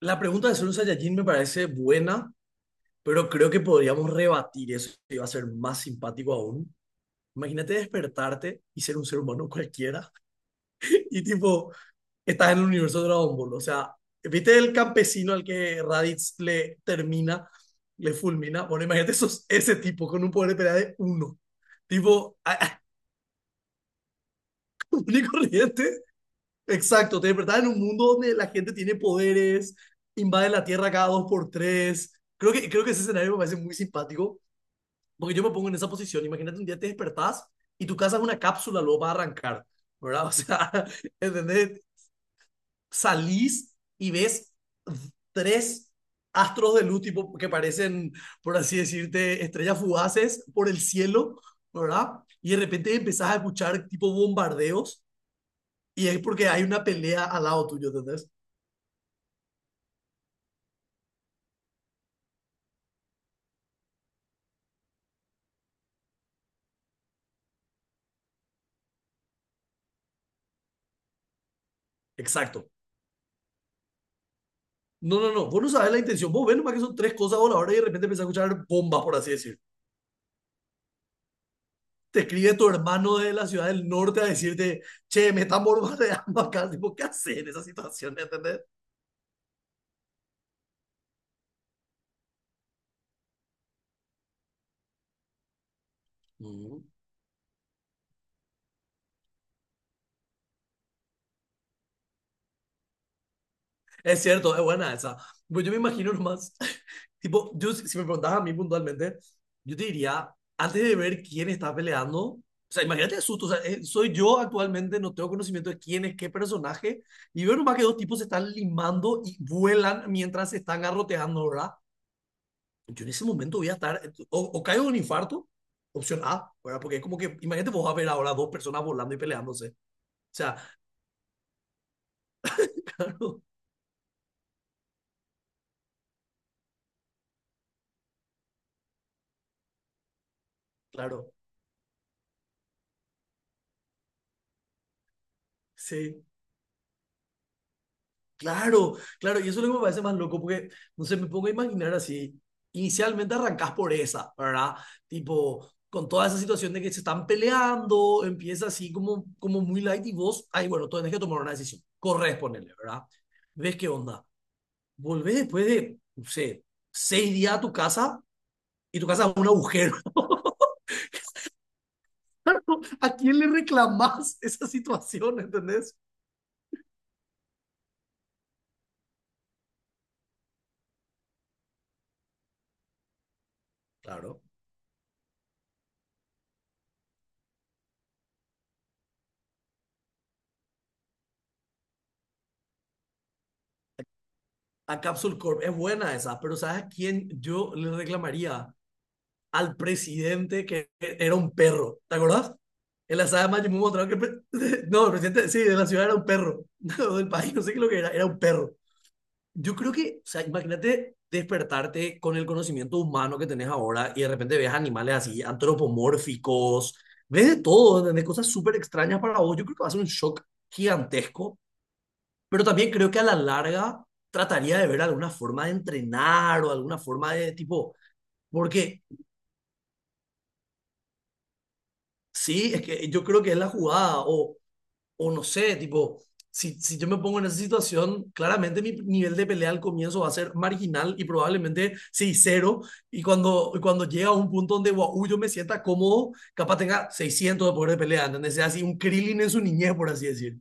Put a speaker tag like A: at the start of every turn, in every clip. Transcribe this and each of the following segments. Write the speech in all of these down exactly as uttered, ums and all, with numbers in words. A: La pregunta de ser un Saiyajin me parece buena, pero creo que podríamos rebatir eso y va a ser más simpático aún. Imagínate despertarte y ser un ser humano cualquiera y tipo, estás en el universo de Dragon Ball. O sea, ¿viste el campesino al que Raditz le termina, le fulmina? Bueno, imagínate sos ese tipo con un poder de pelea de uno. Tipo, único corriente. Exacto, te despertás en un mundo donde la gente tiene poderes, invade la Tierra cada dos por tres. Creo que, creo que ese escenario me parece muy simpático, porque yo me pongo en esa posición. Imagínate un día te despertás y tu casa es una cápsula, luego va a arrancar, ¿verdad? O sea, ¿entendés? Salís y ves tres astros de luz, tipo, que parecen, por así decirte, estrellas fugaces por el cielo, ¿verdad? Y de repente empezás a escuchar tipo bombardeos y es porque hay una pelea al lado tuyo, ¿entendés? Exacto. No, no, no. Vos no sabés la intención. Vos ves nomás que son tres cosas voladoras y de repente empezás a escuchar bombas, por así decir. Te escribe tu hermano de la ciudad del norte a decirte, che, me están bombardeando acá. Tipo, ¿qué hacer en esa situación? ¿Entendés? Mm. Es cierto, es buena esa. Pues yo me imagino nomás, tipo, yo si si me preguntas a mí puntualmente, yo te diría, antes de ver quién está peleando, o sea, imagínate el susto, o sea, eh, soy yo actualmente, no tengo conocimiento de quién es qué personaje, y veo nomás que dos tipos se están limando y vuelan mientras se están garroteando, ¿verdad? Yo en ese momento voy a estar, eh, o, o caigo en un infarto, opción A, ¿verdad? Porque es como que, imagínate vos a ver ahora dos personas volando y peleándose. O sea, claro, claro, sí. Claro, claro, y eso es lo que me parece más loco, porque, no sé, me pongo a imaginar así, inicialmente arrancas por esa, ¿verdad? Tipo, con toda esa situación de que se están peleando, empieza así como, como muy light y vos, ay, bueno, tú tenés que tomar una decisión, corres, ponele, ¿verdad? ¿Ves qué onda? Volvés después de, no sé, seis días a tu casa y tu casa es un agujero. ¿A quién le reclamás esa situación, entendés? Claro. A Capsule Corp es buena esa, pero ¿sabes a quién yo le reclamaría? Al presidente que era un perro. ¿Te acordás? En la saga de Majimú mostraron que el no, el presidente, sí, de la ciudad era un perro. No, del país, no sé qué lo que era, era un perro. Yo creo que, o sea, imagínate despertarte con el conocimiento humano que tenés ahora y de repente ves animales así antropomórficos, ves de todo, ¿entendés? Cosas súper extrañas para vos. Yo creo que va a ser un shock gigantesco, pero también creo que a la larga trataría de ver alguna forma de entrenar o alguna forma de tipo, porque sí, es que yo creo que es la jugada, o, o no sé, tipo, si, si yo me pongo en esa situación, claramente mi nivel de pelea al comienzo va a ser marginal y probablemente seis cero, y cuando, y cuando llega a un punto donde guau, uy, yo me sienta cómodo, capaz tenga seiscientos de poder de pelea, ¿entendés? Sea así un Krillin en su niñez, por así decir.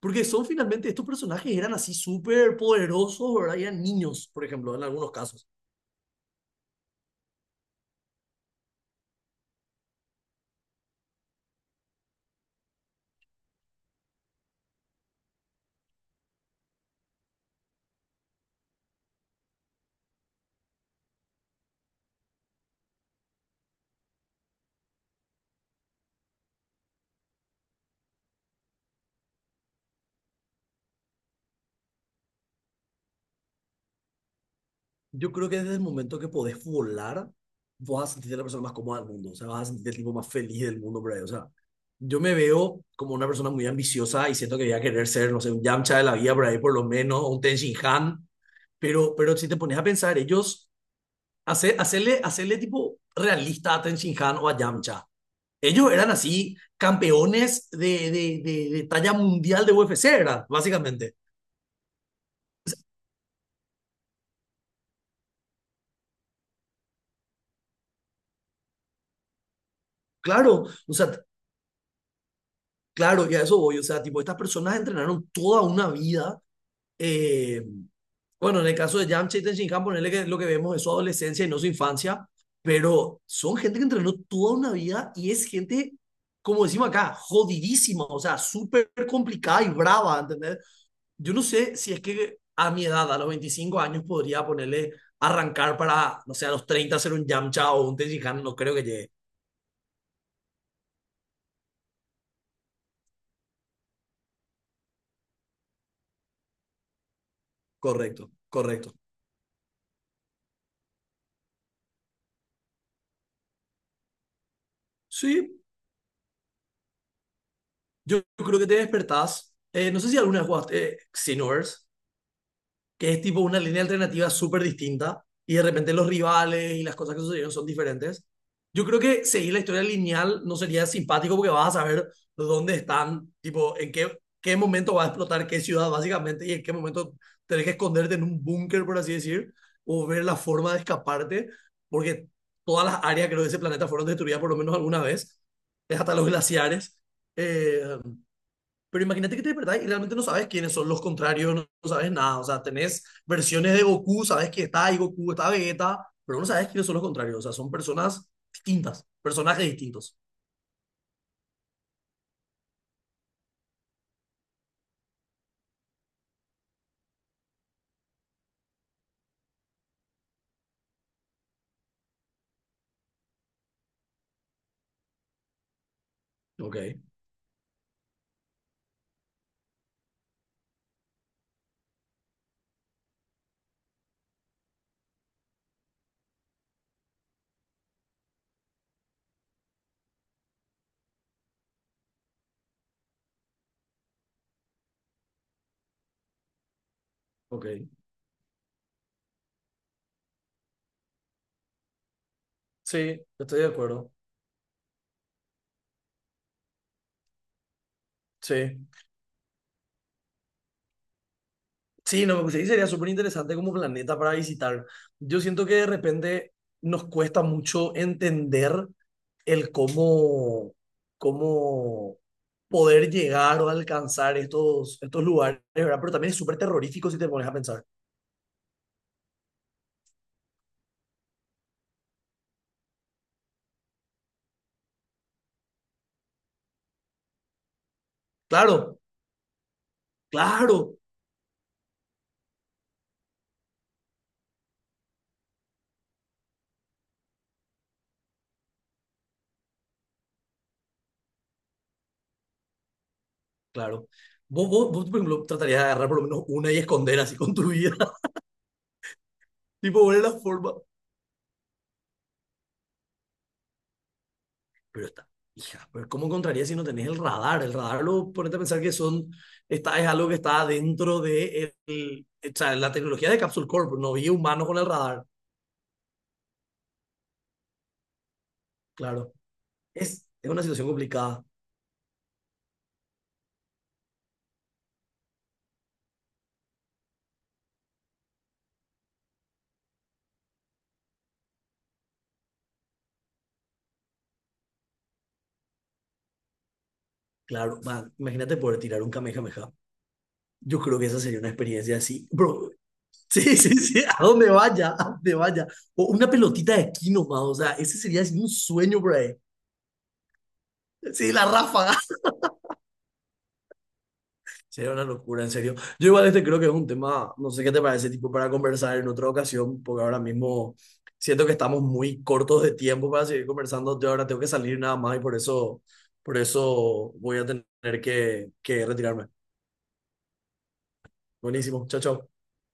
A: Porque son finalmente, estos personajes eran así súper poderosos, ¿verdad? Y eran niños, por ejemplo, en algunos casos. Yo creo que desde el momento que podés volar, vos vas a sentirte la persona más cómoda del mundo, o sea, vas a sentirte el tipo más feliz del mundo por ahí, o sea, yo me veo como una persona muy ambiciosa y siento que voy a querer ser, no sé, un Yamcha de la vida por ahí por lo menos, o un Ten Shin Han, pero, pero si te pones a pensar, ellos, hace, hacerle, hacerle tipo realista a Ten Shin Han o a Yamcha, ellos eran así campeones de, de, de, de talla mundial de U F C, ¿verdad? Básicamente. Claro, o sea, claro, y a eso voy. O sea, tipo, estas personas entrenaron toda una vida. eh, bueno, en el caso de Yamcha y Tenshinhan, ponerle que lo que vemos es su adolescencia y no su infancia, pero son gente que entrenó toda una vida y es gente, como decimos acá, jodidísima, o sea, súper complicada y brava, ¿entendés? Yo no sé si es que a mi edad, a los veinticinco años, podría ponerle arrancar para, no sé, a los treinta ser un Yamcha o un Tenshinhan, no creo que llegue. Correcto, correcto. Sí, yo creo que te despertás. Eh, no sé si alguna vez jugaste eh, Xenoverse, que es tipo una línea alternativa súper distinta y de repente los rivales y las cosas que sucedieron son diferentes. Yo creo que seguir la historia lineal no sería simpático porque vas a saber dónde están, tipo, en qué, qué momento va a explotar qué ciudad básicamente y en qué momento tenés que esconderte en un búnker, por así decir, o ver la forma de escaparte, porque todas las áreas creo de ese planeta fueron destruidas por lo menos alguna vez, es hasta los glaciares. Eh, pero imagínate que te despertás y realmente no sabes quiénes son los contrarios, no, no sabes nada. O sea, tenés versiones de Goku, sabes que está ahí Goku, está Vegeta, pero no sabes quiénes son los contrarios. O sea, son personas distintas, personajes distintos. Ok, ok. Sí, estoy de acuerdo. Sí. Sí, no, me sí, sería súper interesante como planeta para visitar. Yo siento que de repente nos cuesta mucho entender el cómo, cómo poder llegar o alcanzar estos, estos lugares, ¿verdad? Pero también es súper terrorífico si te pones a pensar. Claro, claro, claro. Vos, vos, vos, por ejemplo, tratarías de agarrar por lo menos una y esconder así con tu vida, tipo poner la forma. Pero está, hija, pero ¿cómo encontrarías si no tenés el radar? El radar lo ponete a pensar que son, está, es algo que está dentro de el- o sea, la tecnología de Capsule Corp. No había humanos con el radar, claro. Es, es una situación complicada. Claro, man, imagínate poder tirar un Kamehameha. Yo creo que esa sería una experiencia así. Bro, sí, sí, sí, a donde vaya, a donde vaya. O una pelotita de aquí nomás, o sea, ese sería así un sueño, bro. Sí, la ráfaga. Sería una locura, en serio. Yo igual este creo que es un tema, no sé qué te parece, tipo, para conversar en otra ocasión, porque ahora mismo siento que estamos muy cortos de tiempo para seguir conversando. Yo ahora tengo que salir nada más y por eso, por eso voy a tener que, que, retirarme. Buenísimo, chao, chao.